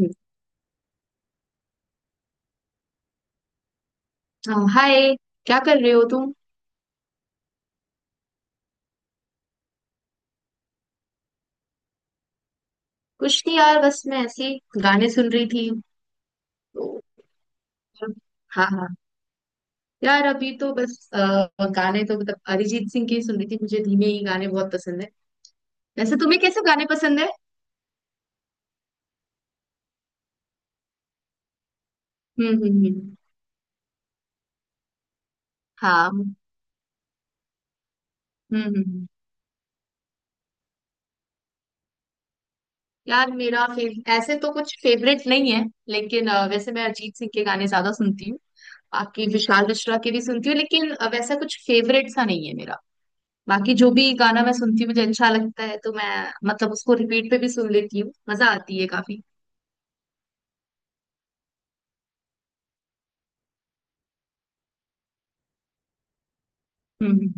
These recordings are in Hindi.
हम्म, हाँ, हाय। क्या कर रहे हो तुम? कुछ नहीं यार, बस मैं ऐसे ही गाने सुन रही थी। तो हाँ हाँ। यार, अभी तो बस गाने तो मतलब अरिजीत सिंह के ही सुन रही थी। मुझे धीमे ही गाने बहुत पसंद है। वैसे तुम्हें कैसे गाने पसंद है? हम्म। हाँ, हम्म। हम्म हम्म। यार मेरा फेव ऐसे तो कुछ फेवरेट नहीं है, लेकिन वैसे मैं अरिजीत सिंह के गाने ज्यादा सुनती हूँ। बाकी विशाल मिश्रा के भी सुनती हूँ, लेकिन वैसा कुछ फेवरेट सा नहीं है मेरा। बाकी जो भी गाना मैं सुनती हूँ मुझे अच्छा लगता है, तो मैं मतलब उसको रिपीट पे भी सुन लेती हूँ। मजा आती है काफी। हम्म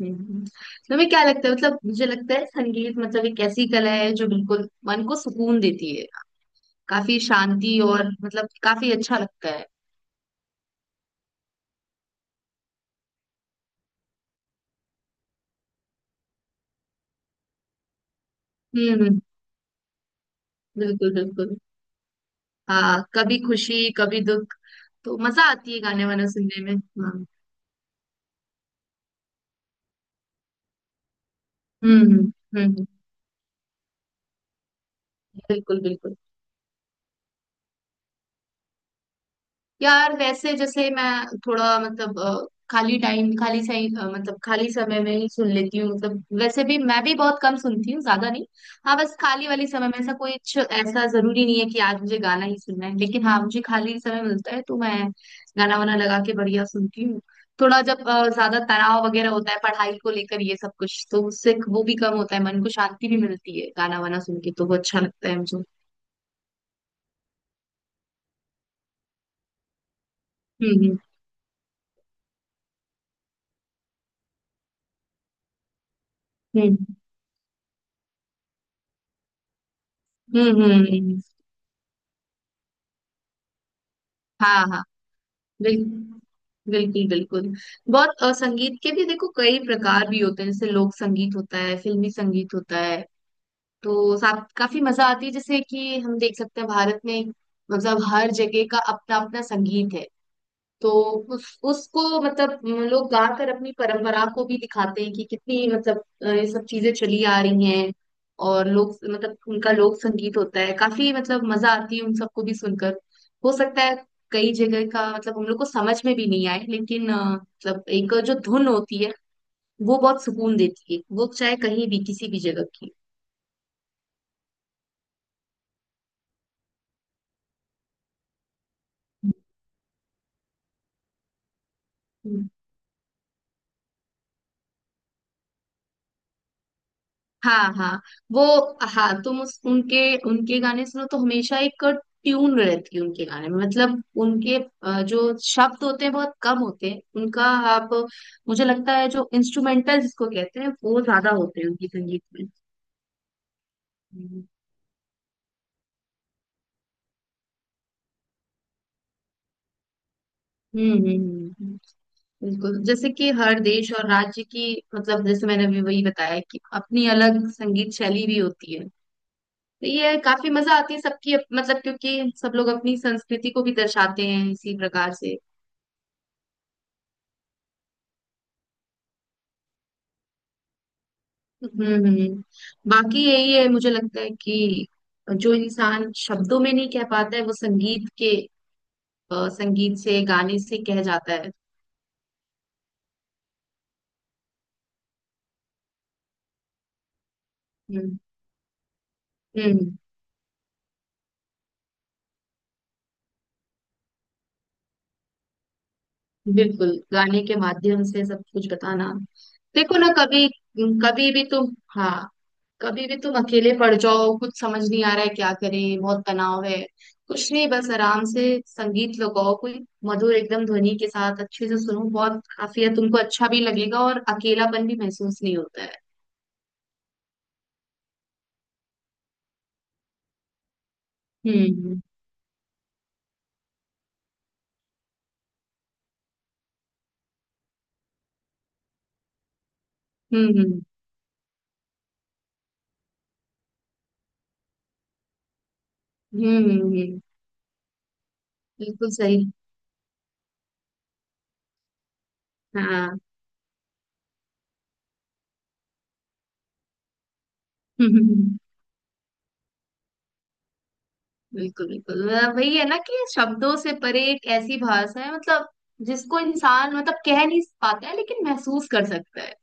हम्म, हम्म। तुम्हें क्या लगता है? मतलब मुझे लगता है संगीत मतलब एक ऐसी कला है जो बिल्कुल मन को सुकून देती है। काफी शांति, और मतलब काफी अच्छा लगता है। हम्म। बिल्कुल बिल्कुल। हाँ, कभी खुशी कभी दुख। तो मजा आती है गाने वाने सुनने में। हाँ। हम्म हम्म, हम्म। बिल्कुल बिल्कुल। यार वैसे जैसे मैं, थोड़ा मतलब खाली टाइम, खाली सही, मतलब खाली समय में ही सुन लेती हूँ। मतलब वैसे भी मैं भी बहुत कम सुनती हूँ, ज्यादा नहीं। हाँ, बस खाली वाली समय में, ऐसा जरूरी नहीं है कि आज मुझे गाना ही सुनना है, लेकिन हाँ मुझे खाली समय मिलता है तो मैं गाना वाना लगा के बढ़िया सुनती हूँ। थोड़ा जब ज्यादा तनाव वगैरह होता है पढ़ाई को लेकर, ये सब कुछ, तो उससे वो भी कम होता है, मन को शांति भी मिलती है गाना वाना सुन के। तो वो अच्छा लगता है मुझे। हम्म हम्म हम्म। हाँ हाँ। बिल, बिल्कुल बिल्कुल। बहुत संगीत के भी देखो कई प्रकार भी होते हैं, जैसे लोक संगीत होता है, फिल्मी संगीत होता है। तो साथ काफी मजा आती है, जैसे कि हम देख सकते हैं भारत में मतलब हर जगह का अपना अपना संगीत है। तो उसको मतलब लोग गाकर अपनी परंपरा को भी दिखाते हैं, कि कितनी मतलब ये सब चीजें चली आ रही हैं। और लोग मतलब, उनका लोक संगीत होता है, काफी मतलब मजा आती है उन सबको भी सुनकर। हो सकता है कई जगह का मतलब हम लोग को समझ में भी नहीं आए, लेकिन मतलब एक जो धुन होती है वो बहुत सुकून देती है, वो चाहे कहीं भी किसी भी जगह की। हाँ हाँ। वो। हाँ तुम उस उनके उनके गाने सुनो तो हमेशा एक ट्यून रहती है उनके गाने में, मतलब उनके जो शब्द होते हैं बहुत कम होते हैं उनका। आप, मुझे लगता है जो इंस्ट्रूमेंटल जिसको कहते हैं वो ज्यादा होते हैं उनकी संगीत में। हम्म। हम्म। बिल्कुल जैसे कि हर देश और राज्य की मतलब, जैसे मैंने अभी वही बताया, कि अपनी अलग संगीत शैली भी होती है। तो ये काफी मजा आती है सबकी मतलब क्योंकि सब लोग अपनी संस्कृति को भी दर्शाते हैं इसी प्रकार से। हम्म हम्म। बाकी यही है, मुझे लगता है कि जो इंसान शब्दों में नहीं कह पाता है वो संगीत के संगीत से, गाने से कह जाता है। हम्म हम्म। बिल्कुल गाने के माध्यम से सब कुछ बताना। देखो ना, कभी कभी भी तुम, हाँ, कभी भी तुम अकेले पड़ जाओ, कुछ समझ नहीं आ रहा है, क्या करें, बहुत तनाव है, कुछ नहीं बस आराम से संगीत लगाओ। कोई मधुर एकदम ध्वनि के साथ अच्छे से सुनो, बहुत काफी है तुमको। अच्छा भी लगेगा और अकेलापन भी महसूस नहीं होता है। हम्म हम्म हम्म हम्म, हम्म। बिल्कुल सही। हाँ। हम्म। बिल्कुल बिल्कुल, मतलब वही है ना, कि शब्दों से परे एक ऐसी भाषा है मतलब जिसको इंसान मतलब कह नहीं पाता है लेकिन महसूस कर सकता है।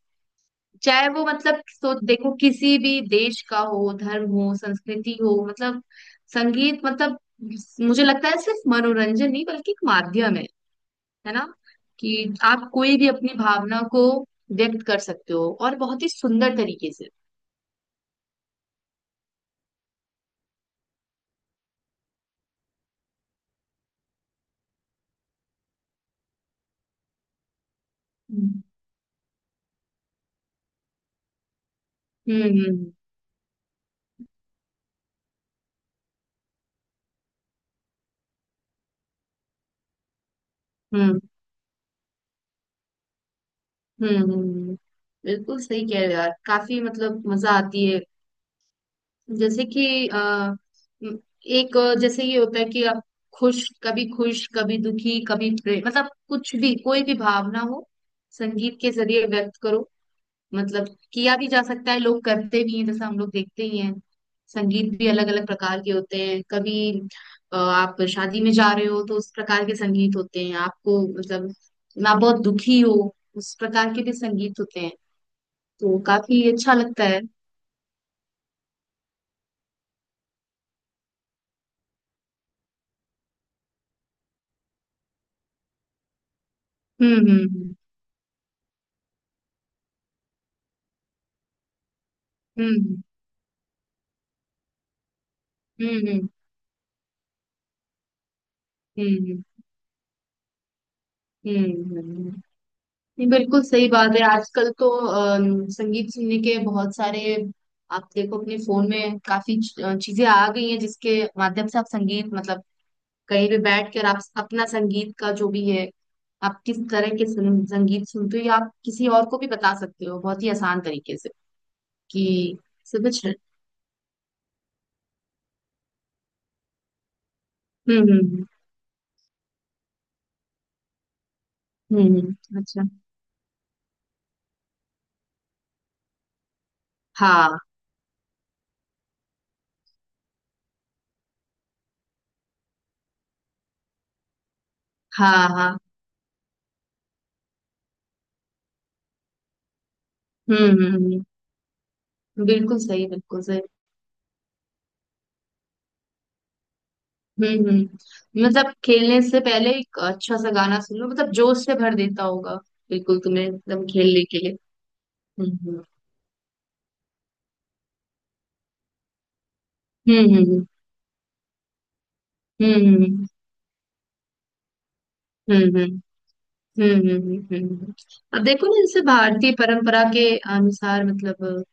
चाहे वो मतलब, तो देखो किसी भी देश का हो, धर्म हो, संस्कृति हो, मतलब संगीत मतलब मुझे लगता है सिर्फ मनोरंजन नहीं बल्कि एक माध्यम है ना, कि आप कोई भी अपनी भावना को व्यक्त कर सकते हो, और बहुत ही सुंदर तरीके से। हम्म हम्म हम्म हम्म हम्म, हम्म, हम्म। बिल्कुल सही कह रहे हो यार, काफी मतलब मजा आती है। जैसे कि एक जैसे ये होता है कि आप खुश, कभी खुश, कभी दुखी, कभी प्रेम, मतलब कुछ भी कोई भी भावना हो संगीत के जरिए व्यक्त करो, मतलब किया भी जा सकता है, लोग करते भी हैं, जैसा हम लोग देखते ही हैं। संगीत भी अलग अलग प्रकार के होते हैं, कभी आप शादी में जा रहे हो तो उस प्रकार के संगीत होते हैं, आपको मतलब आप बहुत दुखी हो उस प्रकार के भी संगीत होते हैं। तो काफी अच्छा लगता है। हम्म हम्म हम्म हम्म हम्म हम्म हम्म हम्म हम्म। नहीं, बिल्कुल सही बात है। आजकल तो संगीत सुनने के बहुत सारे, आप देखो अपने फोन में काफी चीजें आ गई हैं जिसके माध्यम से आप संगीत मतलब कहीं भी बैठ कर आप अपना संगीत का जो भी है, आप किस तरह के संगीत सुनते हो, या आप किसी और को भी बता सकते हो बहुत ही आसान तरीके से कि, समझ रहे। हम्म हम्म अच्छा। हाँ हाँ हाँ। हम्म। बिल्कुल सही बिल्कुल सही। मतलब खेलने से पहले एक अच्छा सा गाना सुन लो, मतलब जोश से भर देता होगा बिल्कुल, तुम्हें एकदम खेलने के लिए। हम्म हम्म हम्म हम्म हम्म हम्म हम्म हम्म हम्म, हम्म, हम्म। हम्म, हम्म, हम्म। अब देखो ना, जैसे भारतीय परंपरा के अनुसार मतलब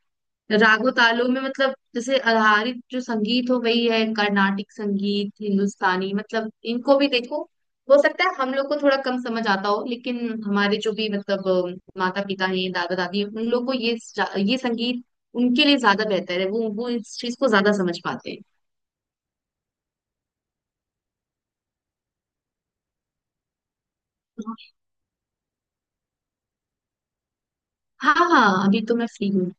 रागो तालों में मतलब जैसे आधारित जो संगीत हो, वही है कर्नाटिक संगीत, हिंदुस्तानी, मतलब इनको भी देखो। हो सकता है हम लोग को थोड़ा कम समझ आता हो, लेकिन हमारे जो भी मतलब माता पिता हैं, दादा दादी हैं, उन लोग को ये संगीत उनके लिए ज्यादा बेहतर है। वो इस चीज को ज्यादा समझ पाते हैं। हाँ हाँ, अभी तो मैं फ्री हूँ।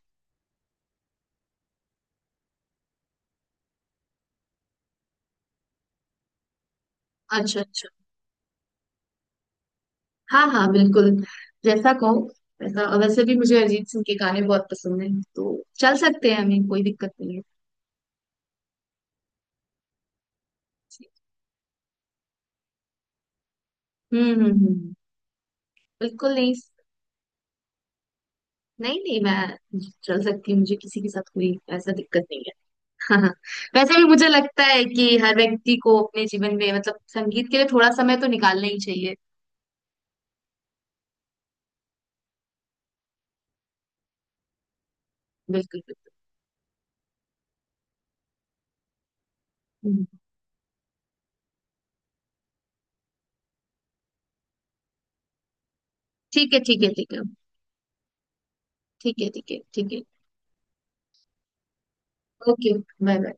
अच्छा अच्छा। हाँ हाँ बिल्कुल। जैसा कहो वैसा। वैसे भी मुझे अरिजीत सिंह के गाने बहुत पसंद है। तो चल सकते हैं, हमें कोई दिक्कत नहीं है। हम्म। बिल्कुल नहीं। नहीं नहीं, मैं चल सकती हूँ, मुझे किसी के साथ कोई ऐसा दिक्कत नहीं है। हाँ, वैसे भी मुझे लगता है कि हर व्यक्ति को अपने जीवन में मतलब संगीत के लिए थोड़ा समय तो निकालना ही चाहिए। बिल्कुल बिल्कुल। हम्म, ठीक है ठीक है ठीक है। ठीक है ठीक है ठीक है। Okay bye bye.